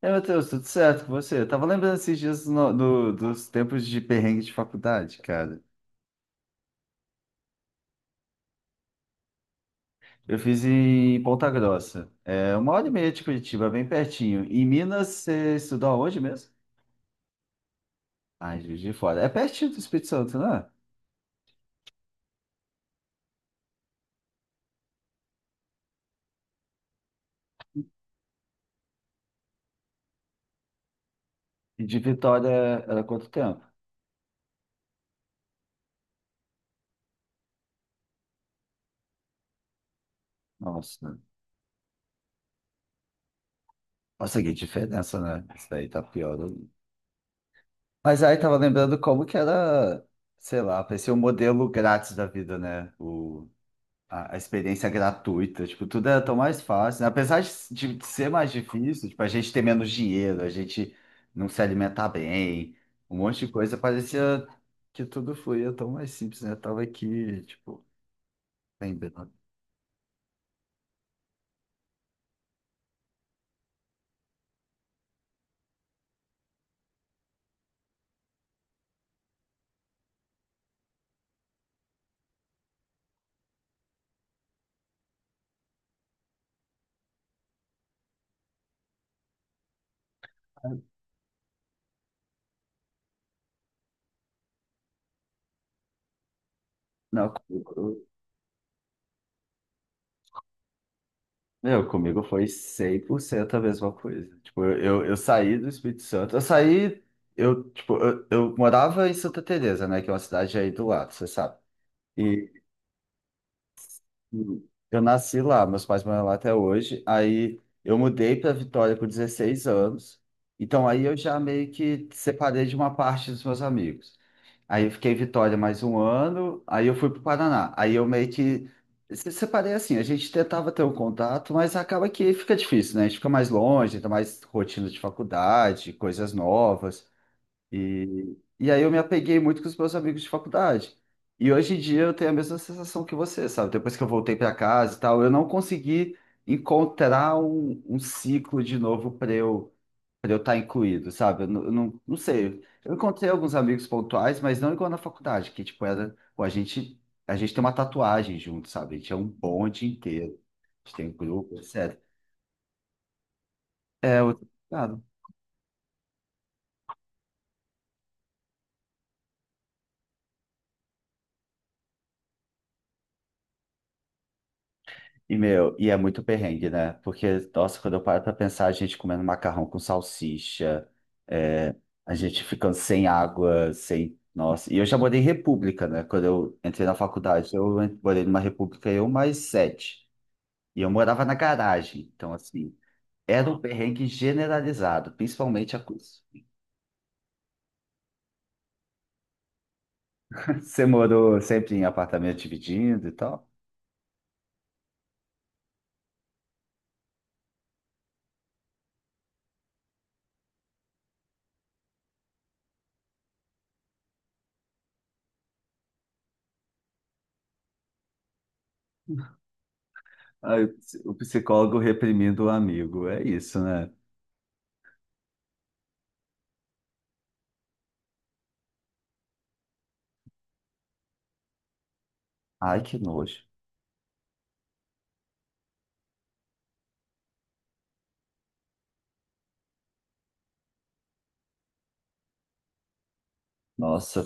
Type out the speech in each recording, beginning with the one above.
É, Matheus, tudo certo com você? Eu tava lembrando esses dias dos tempos de perrengue de faculdade, cara. Eu fiz em Ponta Grossa. É uma hora e meia de Curitiba, bem pertinho. Em Minas, você estudou aonde mesmo? Ah, em Juiz de Fora. É pertinho do Espírito Santo, né? E de Vitória é, era quanto tempo? Nossa. Nossa, que diferença, né? Isso daí tá pior ainda. Mas aí tava lembrando como que era, sei lá, parecia um modelo grátis da vida, né? A experiência gratuita, tipo, tudo era tão mais fácil, né? Apesar de ser mais difícil, tipo, a gente ter menos dinheiro, a gente não se alimentar bem, um monte de coisa, parecia que tudo fluía tão mais simples, né? Eu tava aqui, tipo, lembrando. Não, comigo, meu, comigo foi 100% a mesma coisa. Tipo, eu saí do Espírito Santo, eu saí, eu, tipo, eu morava em Santa Teresa, né? Que é uma cidade aí do lado, você sabe. Eu nasci lá, meus pais moram lá até hoje. Aí eu mudei para Vitória com 16 anos. Então aí eu já meio que separei de uma parte dos meus amigos. Aí eu fiquei em Vitória mais um ano, aí eu fui para o Paraná. Aí eu meio que se separei assim, a gente tentava ter um contato, mas acaba que fica difícil, né? A gente fica mais longe, ainda mais rotina de faculdade, coisas novas. E aí eu me apeguei muito com os meus amigos de faculdade. E hoje em dia eu tenho a mesma sensação que você, sabe? Depois que eu voltei para casa e tal, eu não consegui encontrar um ciclo de novo para eu estar incluído, sabe? Eu, não, eu não sei. Eu encontrei alguns amigos pontuais, mas não igual na faculdade, que tipo era, pô, a gente tem uma tatuagem junto, sabe? A gente é um bonde inteiro. A gente tem um grupo, etc. É, E, meu, e é muito perrengue, né? Porque, nossa, quando eu paro pra pensar, a gente comendo macarrão com salsicha, é, a gente ficando sem água, sem. Nossa, e eu já morei em república, né? Quando eu entrei na faculdade, morei numa república, eu mais sete. E eu morava na garagem, então, assim, era um perrengue generalizado, principalmente a coisa. Você morou sempre em apartamento dividindo e tal? Aí, o psicólogo reprimindo o amigo, é isso, né? Ai, que nojo. Nossa,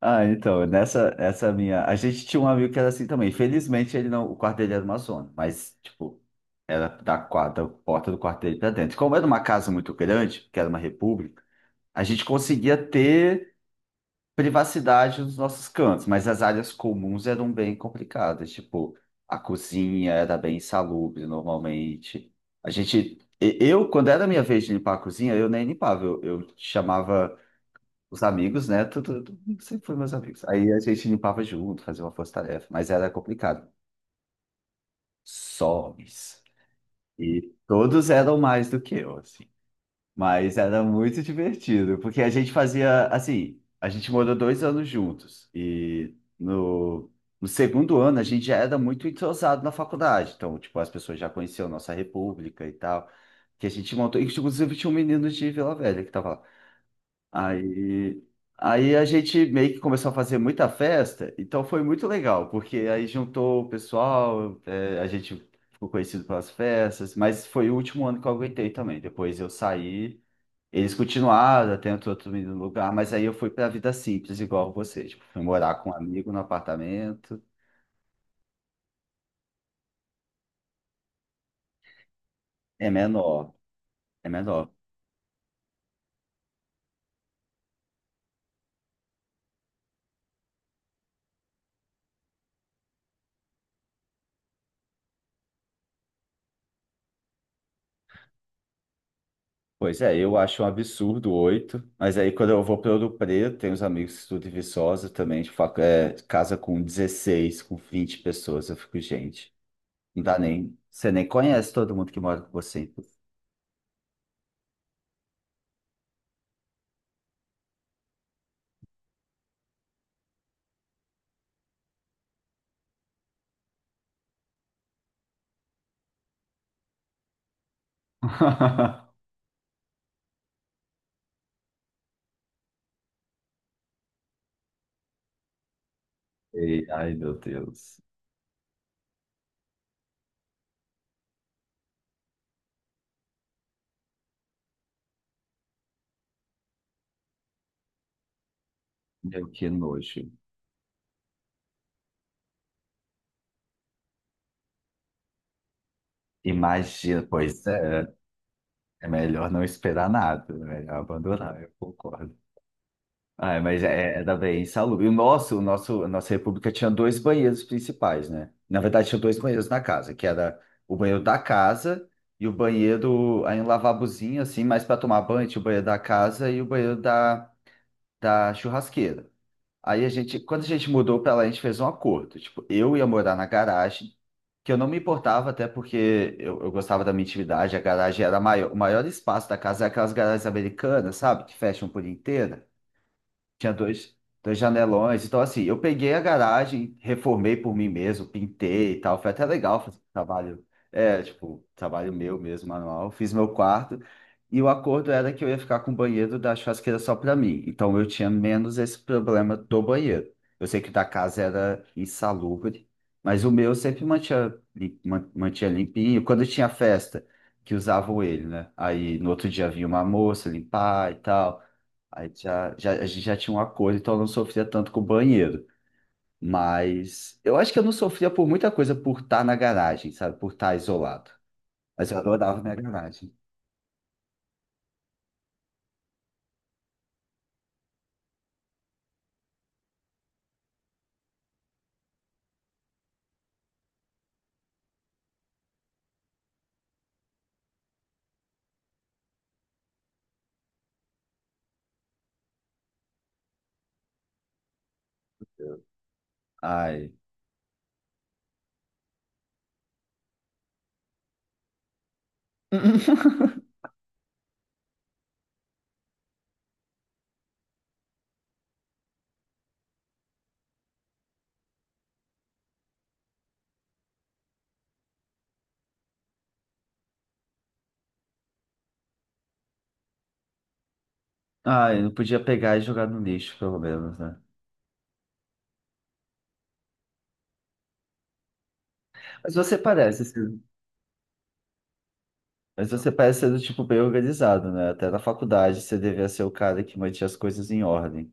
ah, então, nessa essa minha. A gente tinha um amigo que era assim também. Felizmente, ele não. O quarto dele era uma zona, mas, tipo, era da, quadra, da porta do quarto dele pra dentro. Como era uma casa muito grande, que era uma república, a gente conseguia ter privacidade nos nossos cantos, mas as áreas comuns eram bem complicadas. Tipo, a cozinha era bem insalubre normalmente. Eu, quando era a minha vez de limpar a cozinha, eu nem limpava, eu chamava os amigos, né? Sempre foram meus amigos. Aí a gente limpava junto, fazia uma força-tarefa, mas era complicado. Somes. E todos eram mais do que eu, assim. Mas era muito divertido, porque a gente fazia, assim, a gente morou dois anos juntos. No segundo ano a gente já era muito entrosado na faculdade. Então, tipo, as pessoas já conheciam nossa república e tal, que a gente montou. E, inclusive, tinha um menino de Vila Velha que tava lá. Aí, Aí a gente meio que começou a fazer muita festa, então foi muito legal, porque aí juntou o pessoal, é, a gente ficou conhecido pelas festas, mas foi o último ano que eu aguentei também. Depois eu saí, eles continuaram, até entrou outro menino no lugar, mas aí eu fui para a vida simples, igual você. Tipo, fui morar com um amigo no apartamento, é menor, é menor. Pois é, eu acho um absurdo oito, mas aí quando eu vou para Ouro Preto, tem uns amigos que estudam em Viçosa também, é, casa com dezesseis, com 20 pessoas, eu fico, gente, não dá nem, você nem conhece todo mundo que mora com você. E, ai, meu Deus, meu, que nojo. Imagina, pois é, é melhor não esperar nada, é melhor abandonar, eu concordo. Ah, mas é, era bem insalubre. E a nossa república tinha dois banheiros principais, né? Na verdade, tinha dois banheiros na casa, que era o banheiro da casa e o banheiro, aí um lavabozinho, assim, mais para tomar banho, tinha o banheiro da casa e o banheiro da churrasqueira. Aí a gente, quando a gente mudou pra lá, a gente fez um acordo. Tipo, eu ia morar na garagem, que eu não me importava, até porque eu gostava da minha intimidade, a garagem era maior, o maior espaço da casa, é aquelas garagens americanas, sabe? Que fecham por inteira. Tinha dois, dois janelões. Então, assim, eu peguei a garagem, reformei por mim mesmo, pintei e tal. Foi até legal fazer um trabalho, é, tipo, trabalho meu mesmo, manual. Fiz meu quarto. E o acordo era que eu ia ficar com o banheiro da churrasqueira só para mim. Então, eu tinha menos esse problema do banheiro. Eu sei que o da casa era insalubre, mas o meu sempre mantinha, mantinha limpinho. Quando tinha festa, que usavam ele, né? Aí, no outro dia, vinha uma moça limpar e tal. A gente já tinha um acordo, então eu não sofria tanto com o banheiro. Mas eu acho que eu não sofria por muita coisa por estar na garagem, sabe? Por estar isolado. Mas eu adorava minha garagem. Ai. Ai, não podia pegar e jogar no lixo, pelo menos, né? Mas você parece, ser- mas você parece ser do tipo bem organizado, né? Até na faculdade você devia ser o cara que mantinha as coisas em ordem.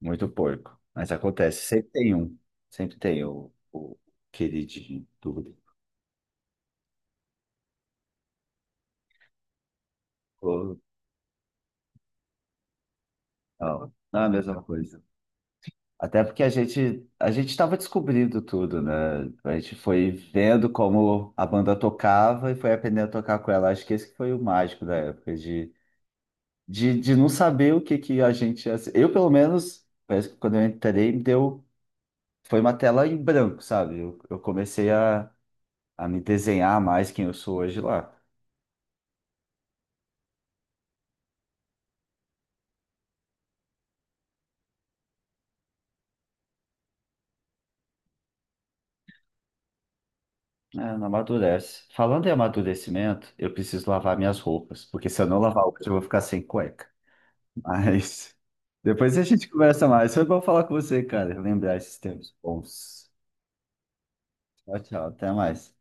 Muito porco. Mas acontece, sempre tem um. Sempre tem o queridinho do grupo. Ou- Não, não é a mesma coisa. Até porque a gente estava descobrindo tudo, né? A gente foi vendo como a banda tocava e foi aprendendo a tocar com ela. Acho que esse que foi o mágico da época, de não saber o que que a gente ia ser. Eu, pelo menos, parece que quando eu entrei, me deu, foi uma tela em branco, sabe? Eu comecei a me desenhar mais quem eu sou hoje lá. É, não amadurece. Falando em amadurecimento, eu preciso lavar minhas roupas, porque se eu não lavar hoje, eu vou ficar sem cueca. Mas depois a gente conversa mais. Foi bom falar com você, cara. Lembrar esses tempos bons. Tchau, tchau. Até mais.